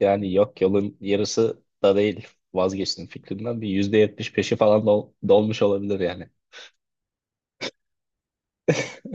Yani yok yolun yarısı da değil. Vazgeçtim fikrimden. Bir %70 peşi falan dolmuş olabilir yani.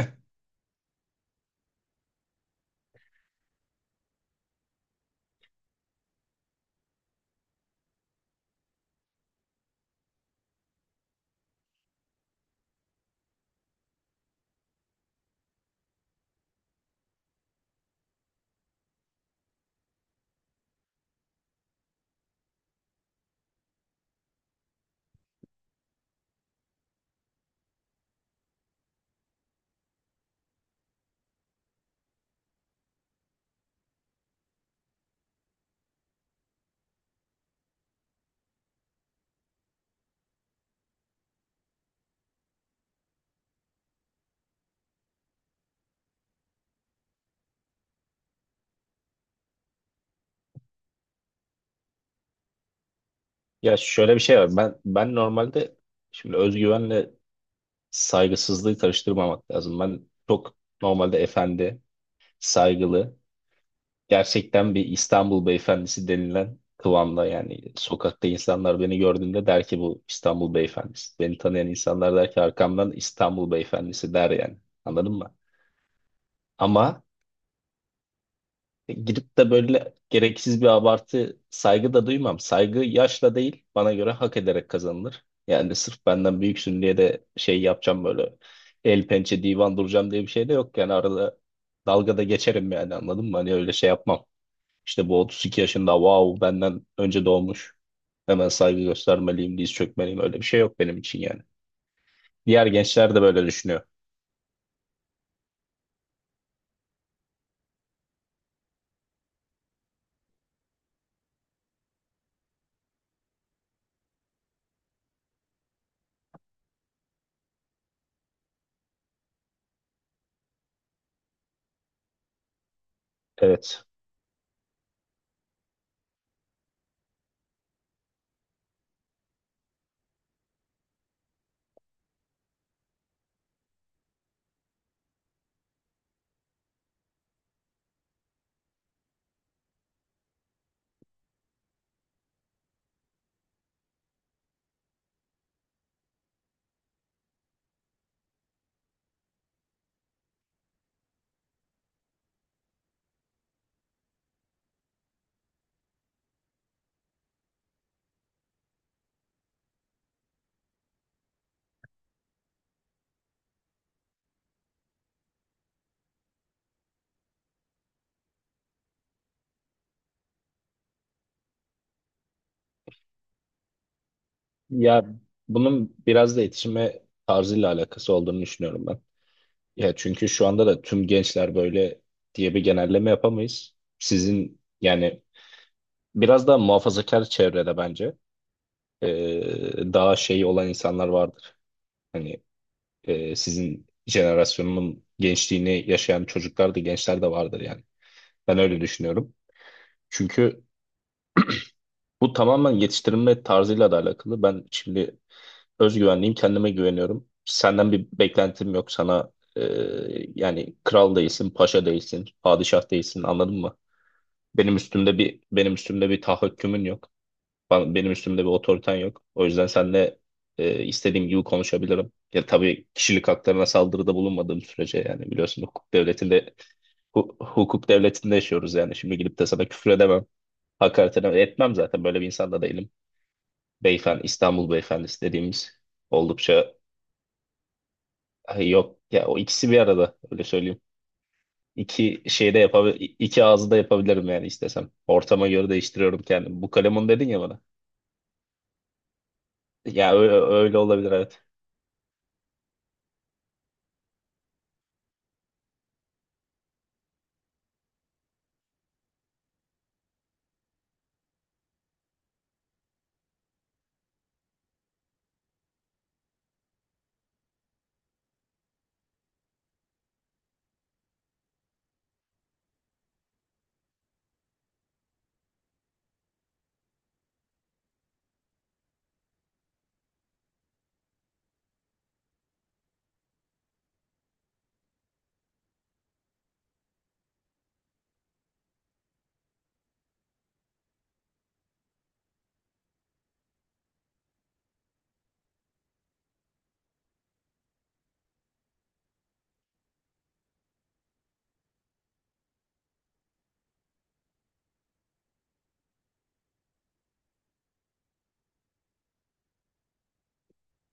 Ya şöyle bir şey var. Ben normalde şimdi özgüvenle saygısızlığı karıştırmamak lazım. Ben çok normalde efendi, saygılı, gerçekten bir İstanbul beyefendisi denilen kıvamda yani sokakta insanlar beni gördüğünde der ki bu İstanbul beyefendisi. Beni tanıyan insanlar der ki arkamdan İstanbul beyefendisi der yani. Anladın mı? Ama gidip de böyle gereksiz bir abartı saygı da duymam. Saygı yaşla değil bana göre hak ederek kazanılır. Yani sırf benden büyüksün diye de şey yapacağım böyle el pençe divan duracağım diye bir şey de yok. Yani arada dalgada geçerim yani anladın mı? Hani öyle şey yapmam. İşte bu 32 yaşında wow benden önce doğmuş. Hemen saygı göstermeliyim, diz çökmeliyim öyle bir şey yok benim için yani. Diğer gençler de böyle düşünüyor. Evet. Ya bunun biraz da yetişme tarzıyla alakası olduğunu düşünüyorum. Ya çünkü şu anda da tüm gençler böyle diye bir genelleme yapamayız. Sizin yani biraz daha muhafazakar çevrede bence e, daha şey olan insanlar vardır. Hani sizin jenerasyonunun gençliğini yaşayan çocuklar da gençler de vardır yani. Ben öyle düşünüyorum. Çünkü bu tamamen yetiştirilme tarzıyla da alakalı. Ben şimdi özgüvenliyim, kendime güveniyorum. Senden bir beklentim yok. Sana e, yani kral değilsin, paşa değilsin, padişah değilsin anladın mı? Benim üstümde bir tahakkümün yok. Benim üstümde bir otoriten yok. O yüzden seninle istediğim gibi konuşabilirim. Ya tabii kişilik haklarına saldırıda bulunmadığım sürece yani biliyorsun hukuk devletinde hukuk devletinde yaşıyoruz yani. Şimdi gidip de sana küfür edemem. Hakaret edemem. Etmem zaten böyle bir insan da değilim. Beyefendi, İstanbul beyefendisi dediğimiz oldukça ay yok ya o ikisi bir arada öyle söyleyeyim. İki şeyde yapabilir, iki ağzı da yapabilirim yani istesem. Ortama göre değiştiriyorum kendimi. Bu kalemun dedin ya bana. Ya öyle, öyle olabilir evet.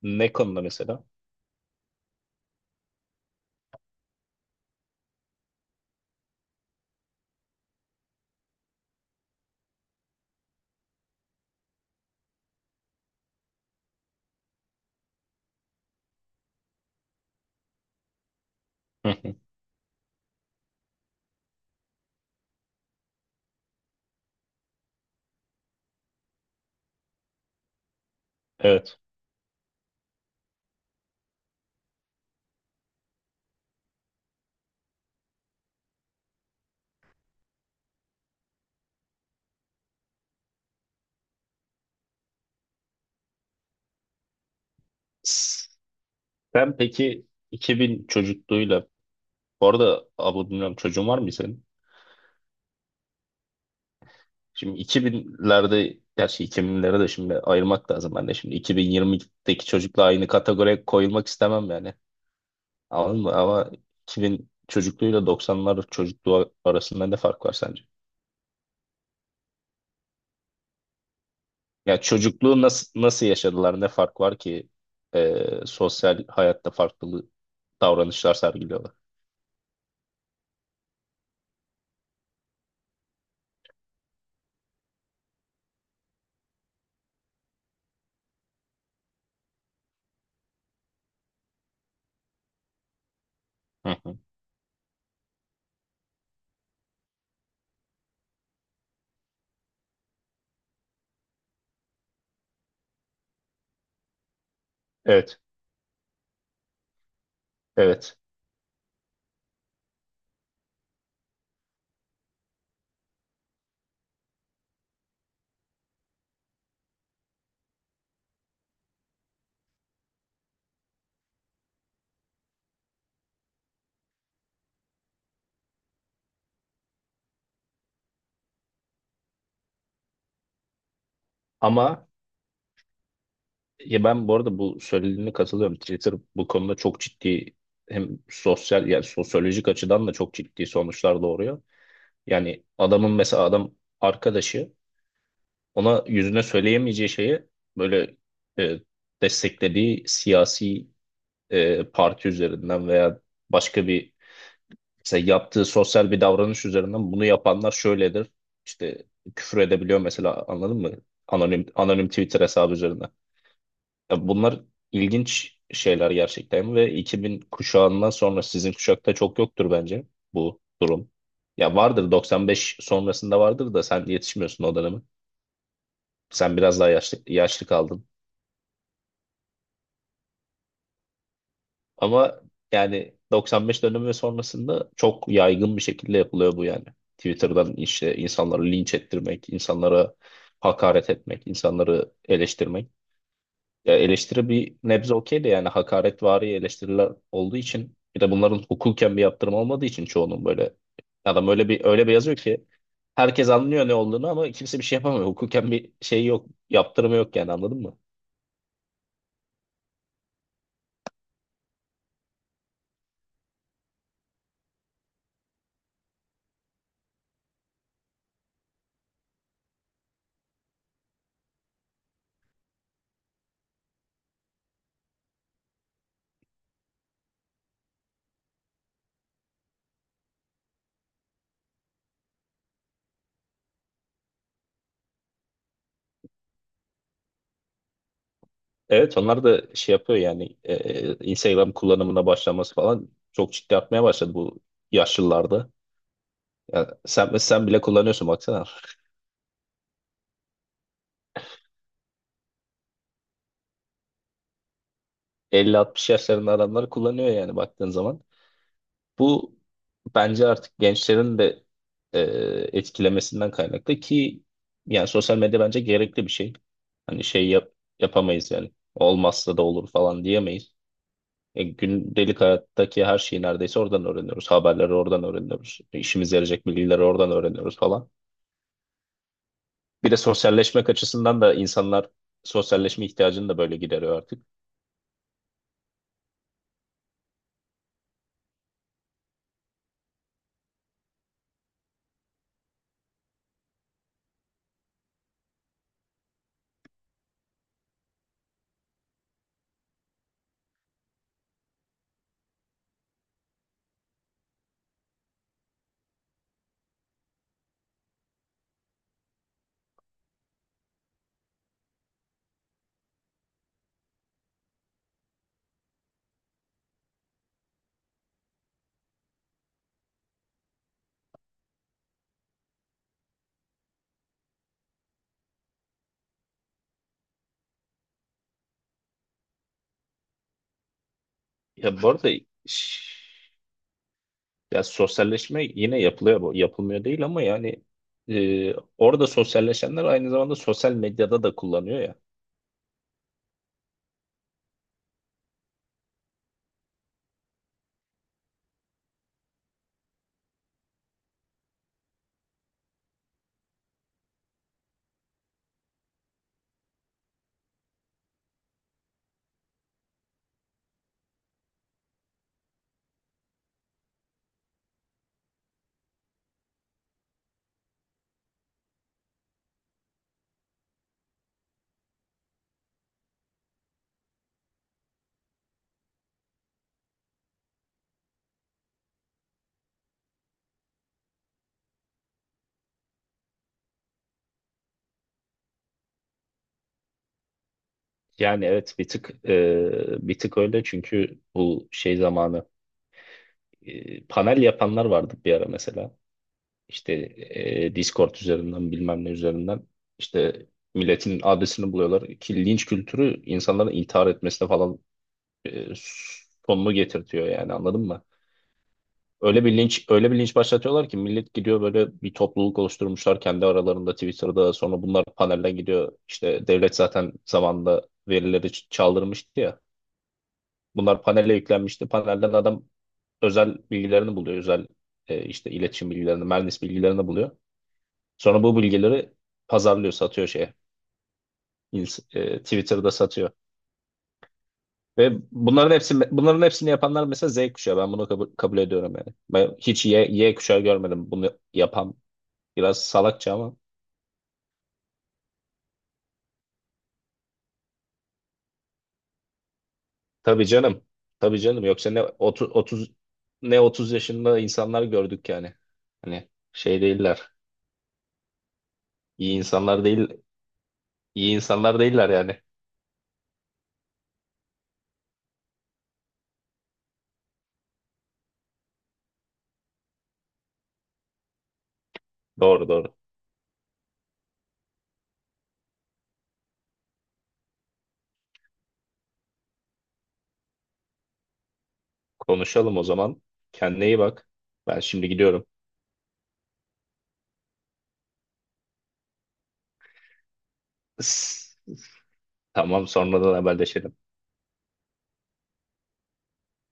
Ne konuda mesela? Hı hı. Evet. Sen peki 2000 çocukluğuyla bu arada abla bilmiyorum çocuğun var mı senin? Şimdi 2000'lerde gerçi 2000'lere de şimdi ayırmak lazım ben de şimdi 2020'deki çocukla aynı kategoriye koyulmak istemem yani. Anladın mı? Ama 2000 çocukluğuyla 90'lar çocukluğu arasında ne fark var sence? Ya çocukluğu nasıl yaşadılar? Ne fark var ki e, sosyal hayatta farklı davranışlar sergiliyorlar? Hı hı. Evet, evet. Ama ya ben bu arada bu söylediğine katılıyorum. Twitter bu konuda çok ciddi hem sosyal yani sosyolojik açıdan da çok ciddi sonuçlar doğuruyor. Yani adamın mesela adam arkadaşı ona yüzüne söyleyemeyeceği şeyi böyle e, desteklediği siyasi parti üzerinden veya başka bir mesela yaptığı sosyal bir davranış üzerinden bunu yapanlar şöyledir. İşte küfür edebiliyor mesela anladın mı? Anonim Twitter hesabı üzerinden. Ya bunlar ilginç şeyler gerçekten ve 2000 kuşağından sonra sizin kuşakta çok yoktur bence bu durum. Ya vardır 95 sonrasında vardır da sen yetişmiyorsun o döneme. Sen biraz daha yaşlı, yaşlı kaldın. Ama yani 95 dönemi ve sonrasında çok yaygın bir şekilde yapılıyor bu yani. Twitter'dan işte insanları linç ettirmek, insanlara hakaret etmek, insanları eleştirmek. Ya eleştiri bir nebze okey de yani hakaretvari eleştiriler olduğu için bir de bunların hukuken bir yaptırım olmadığı için çoğunun böyle adam öyle bir yazıyor ki herkes anlıyor ne olduğunu ama kimse bir şey yapamıyor. Hukuken bir şey yok, yaptırımı yok yani anladın mı? Evet onlar da şey yapıyor yani Instagram kullanımına başlaması falan çok ciddi artmaya başladı bu yaşlılarda. Yani sen bile kullanıyorsun baksana. 50-60 yaşlarında adamlar kullanıyor yani baktığın zaman. Bu bence artık gençlerin de e, etkilemesinden kaynaklı ki yani sosyal medya bence gerekli bir şey. Hani şey yap, yapamayız yani. Olmazsa da olur falan diyemeyiz. Gündelik hayattaki her şeyi neredeyse oradan öğreniyoruz. Haberleri oradan öğreniyoruz. İşimize yarayacak bilgileri oradan öğreniyoruz falan. Bir de sosyalleşmek açısından da insanlar sosyalleşme ihtiyacını da böyle gideriyor artık. Ya bu arada ş- ya sosyalleşme yine yapılıyor, yapılmıyor değil ama yani orada sosyalleşenler aynı zamanda sosyal medyada da kullanıyor ya. Yani evet bir tık öyle çünkü bu şey zamanı panel yapanlar vardı bir ara mesela. İşte Discord üzerinden bilmem ne üzerinden işte milletin adresini buluyorlar ki linç kültürü insanların intihar etmesine falan e, sonunu getirtiyor yani anladın mı? Öyle bir linç, öyle bir linç başlatıyorlar ki millet gidiyor böyle bir topluluk oluşturmuşlar kendi aralarında Twitter'da. Sonra bunlar panelden gidiyor. İşte devlet zaten zamanında verileri çaldırmıştı ya. Bunlar panele yüklenmişti. Panelden adam özel bilgilerini buluyor. Özel işte iletişim bilgilerini, mühendis bilgilerini buluyor. Sonra bu bilgileri pazarlıyor, satıyor şeye. Twitter'da satıyor. Ve bunların hepsini yapanlar mesela Z kuşağı. Ben bunu kabul ediyorum yani. Ben hiç Y kuşağı görmedim bunu yapan. Biraz salakça ama. Tabii canım. Tabii canım. Yoksa ne 30 yaşında insanlar gördük yani. Hani şey değiller. İyi insanlar değil. İyi insanlar değiller yani. Doğru doğru. Konuşalım o zaman. Kendine iyi bak. Ben şimdi gidiyorum. Tamam sonradan haberleşelim.